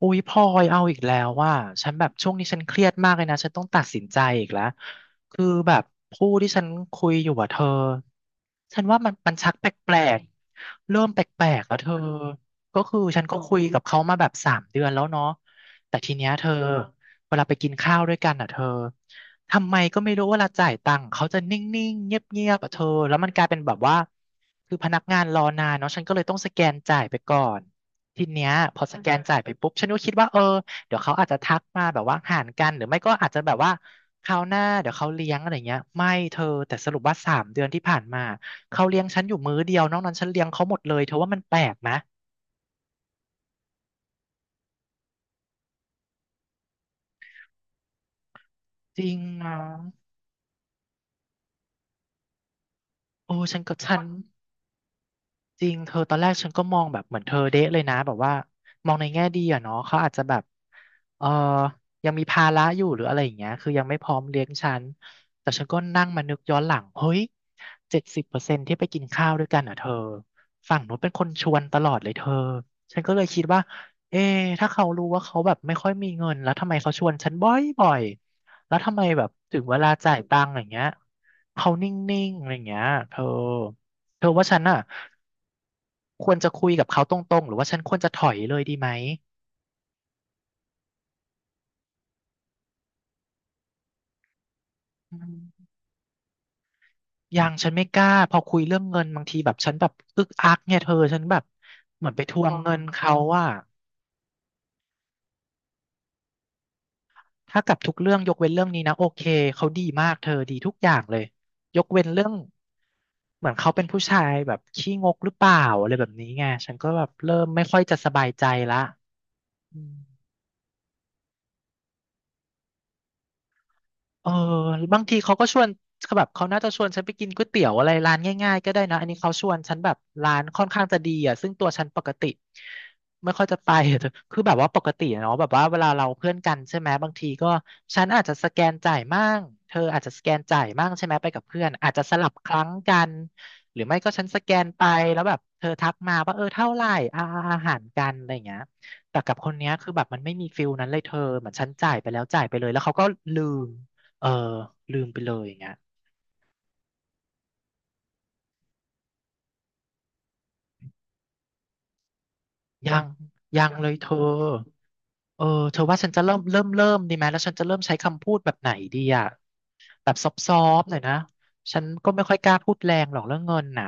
อุ๊ยพลอยเอาอีกแล้วว่าฉันแบบช่วงนี้ฉันเครียดมากเลยนะฉันต้องตัดสินใจอีกแล้วคือแบบผู้ที่ฉันคุยอยู่อะเธอฉันว่ามันชักแปลกๆเริ่มแปลกๆแล้วเธอก็คือฉันก็คุยกับเขามาแบบสามเดือนแล้วเนาะแต่ทีเนี้ยเธอเวลาไปกินข้าวด้วยกันอะเธอทำไมก็ไม่รู้เวลาจ่ายตังค์เขาจะนิ่งๆเงียบๆอะเธอแล้วมันกลายเป็นแบบว่าคือพนักงานรอนานเนาะฉันก็เลยต้องสแกนจ่ายไปก่อน ทีเนี้ยพอสแกนจ่ายไปปุ๊บฉันก็คิดว่าเออเดี๋ยวเขาอาจจะทักมาแบบว่าหารกันหรือไม่ก็อาจจะแบบว่าคราวหน้าเดี๋ยวเขาเลี้ยงอะไรเงี้ยไม่เธอแต่สรุปว่าสามเดือนที่ผ่านมาเขาเลี้ยงฉันอยู่มื้อเดียวนอกนั้นฉันเลี้ยงเขาหมดเลยเธอว่ามันแปลกไหมจริงนะโอ้ฉันกับฉัน จริงเธอตอนแรกฉันก็มองแบบเหมือนเธอเดะเลยนะแบบว่ามองในแง่ดีอะเนาะเขาอาจจะแบบเออยังมีภาระอยู่หรืออะไรอย่างเงี้ยคือยังไม่พร้อมเลี้ยงฉันแต่ฉันก็นั่งมานึกย้อนหลังเฮ้ย70%ที่ไปกินข้าวด้วยกันอ่ะเธอฝั่งนู้นเป็นคนชวนตลอดเลยเธอฉันก็เลยคิดว่าเอ๊ะถ้าเขารู้ว่าเขาแบบไม่ค่อยมีเงินแล้วทำไมเขาชวนฉันบ่อยบ่อยแล้วทำไมแบบถึงเวลาจ่ายตังค์อย่างเงี้ยเขานิ่งๆอะไรอย่างเงี้ยเธอ เธอว่าฉันอ่ะควรจะคุยกับเขาตรงๆหรือว่าฉันควรจะถอยเลยดีไหมอืมยังฉันไม่กล้าพอคุยเรื่องเงินบางทีแบบฉันแบบอึกอักเนี่ยเธอฉันแบบเหมือนไปทวงเงินเขาว่าถ้ากับทุกเรื่องยกเว้นเรื่องนี้นะโอเคเขาดีมากเธอดีทุกอย่างเลยยกเว้นเรื่องเหมือนเขาเป็นผู้ชายแบบขี้งกหรือเปล่าอะไรแบบนี้ไงฉันก็แบบเริ่มไม่ค่อยจะสบายใจละอืม เออบางทีเขาก็ชวนเขาแบบเขาน่าจะชวนฉันไปกินก๋วยเตี๋ยวอะไรร้านง่ายๆก็ได้นะอันนี้เขาชวนฉันแบบร้านค่อนข้างจะดีอ่ะซึ่งตัวฉันปกติไม่ค่อยจะไป คือแบบว่าปกติอะเนาะแบบว่าเวลาเราเพื่อนกันใช่ไหมบางทีก็ฉันอาจจะสแกนจ่ายมั่งเธออาจจะสแกนจ่ายมั่งใช่ไหมไปกับเพื่อนอาจจะสลับครั้งกันหรือไม่ก็ฉันสแกนไปแล้วแบบเธอทักมาว่าเออเท่าไหร่อาอาหารกันอะไรอย่างเงี้ยแต่กับคนเนี้ยคือแบบมันไม่มีฟิลนั้นเลยเธอเหมือนฉันจ่ายไปแล้วจ่ายไปเลยแล้วเขาก็ลืม เออลืมไปเลยอย่างเงี้ยยังยังเลยเธอเออเธอว่าฉันจะเริ่มดีไหมแล้วฉันจะเริ่มใช้คำพูดแบบไหนดีอ่ะแบบซอฟซอฟหน่อยนะฉันก็ไม่ค่อยกล้าพูดแรงหรอกเรื่องเงินน่ะ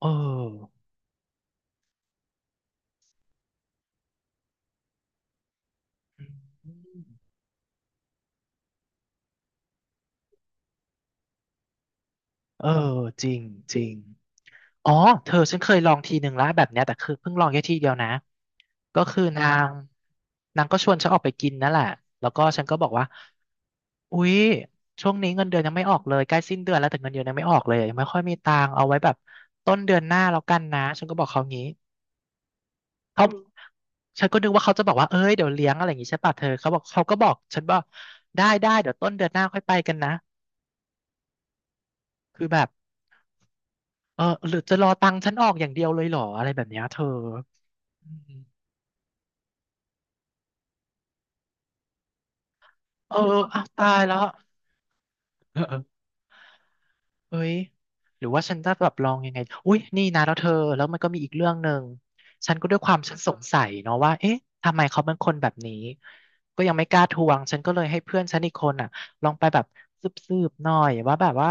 เออเออจริงจริง อ๋อเธอฉันเคยลองทีหนึ่งแล้วแบบเนี้ยแต่คือเพิ่งลองแค่ทีเดียวนะก็คืองนางก็ชวนฉันออกไปกินนั่นแหละแล้วก็ฉันก็บอกว่าอุ๊ยช่วงนี้เงินเดือนยังไม่ออกเลยใกล้สิ้นเดือนแล้วแต่เงินเดือนยังไม่ออกเลยยังไม่ค่อยมีตังค์เอาไว้แบบต้นเดือนหน้าแล้วกันนะฉันก็บอกเขางี้เขาอืมฉันก็นึกว่าเขาจะบอกว่าเอ้ยเดี๋ยวเลี้ยงอะไรอย่างงี้ใช่ป่ะเธอเขาบอกเขาก็บอกฉันบอกได้ได้เดี๋ยวต้นเดือนหน้าค่อยไปกันนะคือแบบเออหรือจะรอตังค์ฉันออกอย่างเดียวเลยเหรออะไรแบบเนี้ยเธออืม เอออ้าวตายแล้วเออเออเฮ้ยหรือว่าฉันจะแบบลองยังไงอุ้ยนี่นะแล้วเธอแล้วมันก็มีอีกเรื่องหนึ่งฉันก็ด้วยความฉันสงสัยเนาะว่าเอ๊ะทำไมเขาเป็นคนแบบนี้ก็ยังไม่กล้าทวงฉันก็เลยให้เพื่อนฉันอีกคนอ่ะลองไปแบบสืบๆหน่อยว่าแบบว่า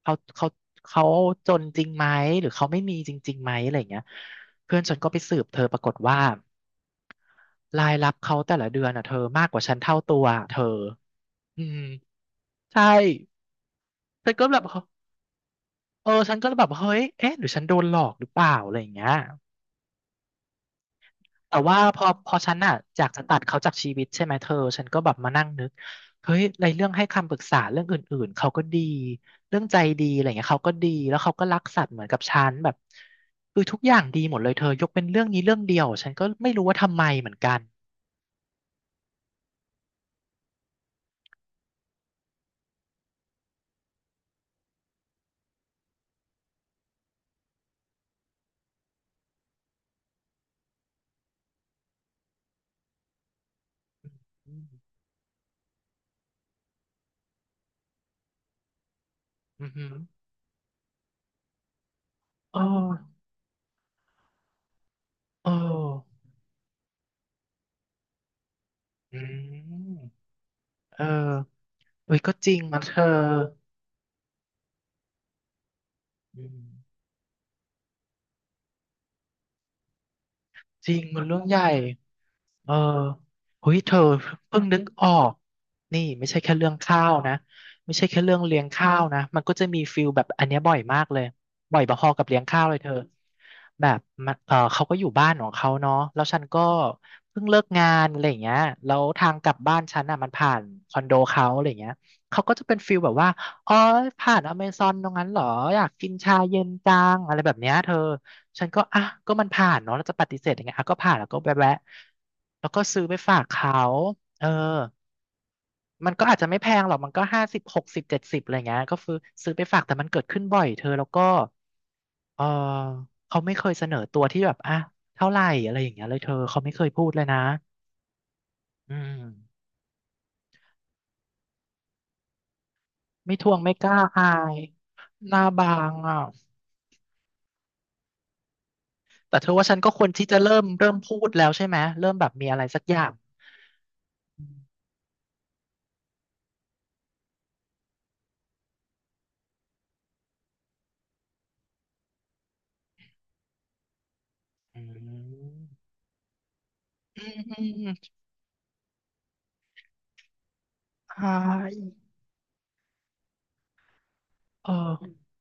เขาเขาเขาจนจริงไหมหรือเขาไม่มีจริงๆไหมอะไรอย่างเงี้ยเพื่อนฉันก็ไปสืบเธอปรากฏว่ารายรับเขาแต่ละเดือนอ่ะเธอมากกว่าฉันเท่าตัวอะเธออืมใช่ฉันก็แบบ เออฉันก็แบบเฮ้ยเอ๊ะหรือฉันโดนหลอกหรือเปล่าอะไรอย่างเงี้ยแต่ว่าพอฉันอ่ะอยากจะตัดเขาจากชีวิตใช่ไหมเธอฉันก็แบบมานั่งนึกเฮ้ยในเรื่องให้คำปรึกษาเรื่องอื่นๆเขาก็ดีเรื่องใจดีอะไรเงี้ยเขาก็ดีแล้วเขาก็รักสัตว์เหมือนกับฉันแบบคือทุกอย่างดีหมดเลยเธอยกเป็นเรื่องนี้เรื่องเดียวฉันก็ไม่รู้ว่าทำไมเหมือนกันอืมอืมอหือเออเอออืมเออเอ้ยก็จริงมันเธออืมจริงมันเรื่องใหญ่ เออเฮ้ยเธอเพิ่งนึกออกนี่ไม่ใช่แค่เรื่องข้าวนะไม่ใช่แค่เรื่องเลี้ยงข้าวนะมันก็จะมีฟิลแบบอันเนี้ยบ่อยมากเลยบ่อยพอๆกับเลี้ยงข้าวเลยเธอแบบมันเออเขาก็อยู่บ้านของเขาเนาะแล้วฉันก็เพิ่งเลิกงานอะไรอย่างเงี้ยแล้วทางกลับบ้านฉันอ่ะมันผ่านคอนโดเขาอะไรอย่างเงี้ยเขาก็จะเป็นฟิลแบบว่าอ๋อผ่านอเมซอนตรงนั้นเหรออยากกินชาเย็นจังอะไรแบบเนี้ยเธอ ฉันก็อ่ะก็มันผ่านเนาะเราจะปฏิเสธยังไงอ่ะก็ผ่านแล้วก็แวะแวะแล้วก็ซื้อไปฝากเขาเออมันก็อาจจะไม่แพงหรอกมันก็50 60 70อะไรเงี้ยก็ซื้อซื้อไปฝากแต่มันเกิดขึ้นบ่อยเธอแล้วก็เออเขาไม่เคยเสนอตัวที่แบบอ่ะเท่าไหร่อะไรอย่างเงี้ยเลยเธอเขาไม่เคยพูดเลยนะอืมไม่ทวงไม่กล้าอายหน้าบางอ่ะแต่เธอว่าฉันก็ควรที่จะเริ่มพูดแล้วใช่ไหมเริ่มแบบมีอะไรสักอย่างอืมอืมอืม ใช่เออ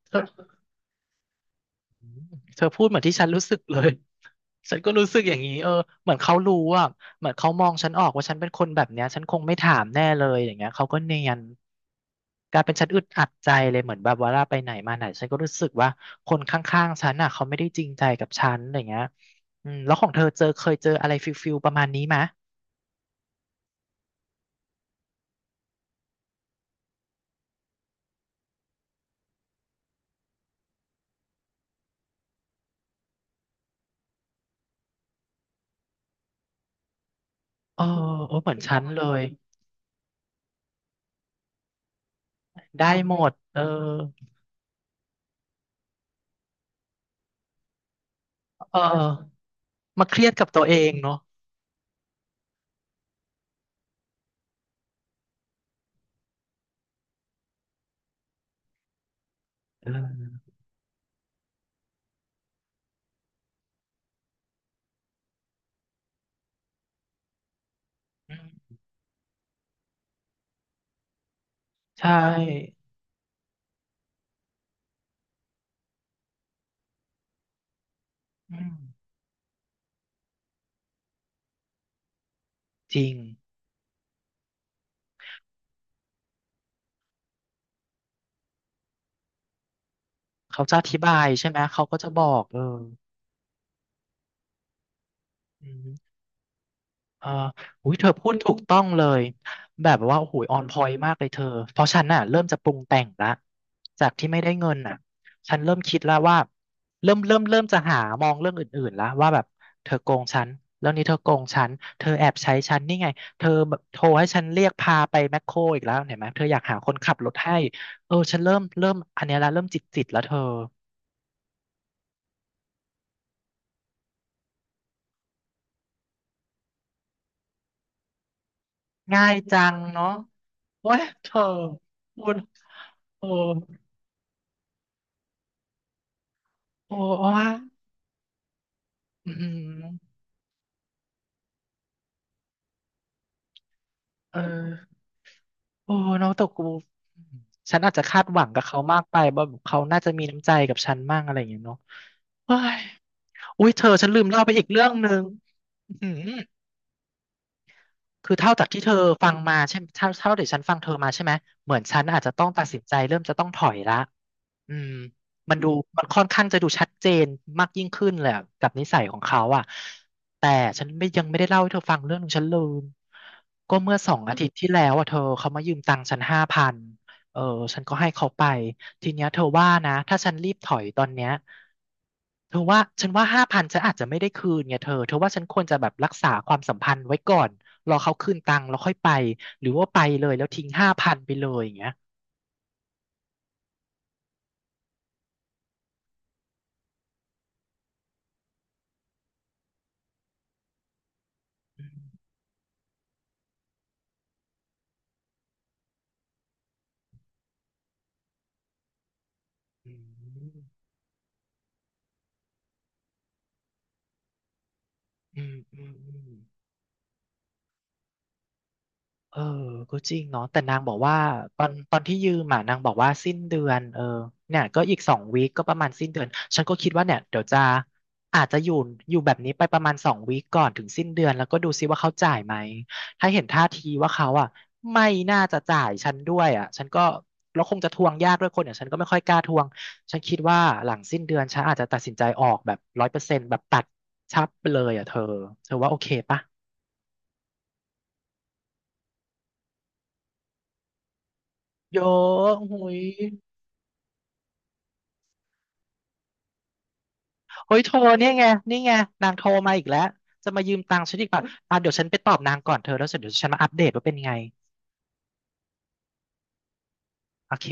เธอเธอพูดเหมือนที่ฉันรู้สึกเลย ฉันก็รู้สึกอย่างนี้เออเหมือนเขารู้อ่ะเหมือนเขามองฉันออกว่าฉันเป็นคนแบบเนี้ยฉันคงไม่ถามแน่เลยอย่างเงี้ยเขาก็เนียนกลายเป็นฉันอึดอัดใจเลยเหมือนแบบเวลาไปไหนมาไหนฉันก็รู้สึกว่าคนข้างๆฉันอ่ะเขาไม่ได้จริงใจกับฉันอย่างเงี้ยอืมแล้วของเธอเจอเคยเจออะไรฟิลประมาณนี้ไหมเออเออเหมือนฉันเลยได้หมดเออเออมาเครียดกับตัวเองเนาะเออ ใช่อืมจริงเขาจะอธิบายใช่ไหมเขาก็จะบอกเอออืมเอออุ้ยเธอพูดถูกต้องเลยแบบว่าโอ้โหออนพอยต์มากเลยเธอเพราะฉันน่ะเริ่มจะปรุงแต่งละจากที่ไม่ได้เงินน่ะฉันเริ่มคิดแล้วว่าเริ่มจะหามองเรื่องอื่นๆแล้วว่าแบบเธอโกงฉันแล้วนี้เธอโกงฉันเธอแอบใช้ฉันนี่ไงเธอแบบโทรให้ฉันเรียกพาไปแมคโครอีกแล้วเห็นไหมเธออยากหาคนขับรถให้เออฉันเริ่มอันเนี้ยละเริ่มจิตจิตแล้วเธอ ง่ายจังเนาะโอ้ยเธอพูดโอ้โอ้ว่าอืมเออโอ้น้องตกกูฉันอาจจะคาดหวังกับเขามากไปว่าแบบเขาน่าจะมีน้ำใจกับฉันมากอะไรอย่างเงี้ยเนาะเฮ้ยอุ้ยเธอฉันลืมเล่าไปอีกเรื่องหนึ่งอื้อหือคือเท่าจากที่เธอฟังมาใช่ไหมเท่าทียวฉันฟังเธอมาใช่ไหม เหมือนฉันอาจจะต้องตัดสินใจเริ่มจะต้องถอยละ อืมมันดูมันค่อนข้างจะดูชัดเจนมากยิ่งขึ้นแหลยอะกับนิสัยของเขาอ่ะแต่ฉันไม่ยังไม่ได้เล่าให้เธอฟังเรื่องหนึงฉันลืมก็เมื่อ2 อาทิตย์ที่แล้วอ่ะเธอเขามายืมตังค์ฉันห้าพันเออฉันก็ให้เขาไปทีเนี้ยเธอว่านะถ้าฉันรีบถอยตอนเนี้ยเธอว่าฉันว่าห้าพันฉันอาจจะไม่ได้คืนไงเธอเธอว่าฉันควรจะแบบรักษาความสัมพันธ์ไว้ก่อนรอเขาคืนตังค์แล้วค่อยไปหรือว่าไปเลยแล้วทิ้งห้าพันไปเลยอย่างเงี้ยอืม อืมอืมอืมเออก็จริงเนาะแต่นางบอกว่าตอนที่ยืมอ่ะนางบอกว่าสิ้นเดือนเออเนี่ยก็อีกสองวีคก็ประมาณสิ้นเดือนฉันก็คิดว่าเนี่ยเดี๋ยวจะอาจจะอยู่อยู่แบบนี้ไปประมาณสองวีคก่อนถึงสิ้นเดือนแล้วก็ดูซิว่าเขาจ่ายไหมถ้าเห็นท่าทีว่าเขาอ่ะไม่น่าจะจ่ายฉันด้วยอ่ะฉันก็แล้วคงจะทวงยากด้วยคนอย่างฉันก็ไม่ค่อยกล้าทวงฉันคิดว่าหลังสิ้นเดือนฉันอาจจะตัดสินใจออกแบบ100%แบบตัดชับไปเลยอ่ะเธอเธอว่าโอเคปะ เยอะหุยเฮ้ยโทรเนี่ยไง นี่ไง นางโทรมาอีกแล้ว จะมายืมตังค์ฉันอีกป่ะอ่ะเดี๋ยวฉันไปตอบนางก่อนเธอแล้วเสร็จเดี๋ยวฉันมาอัปเดตว่าเป็นไง โอเค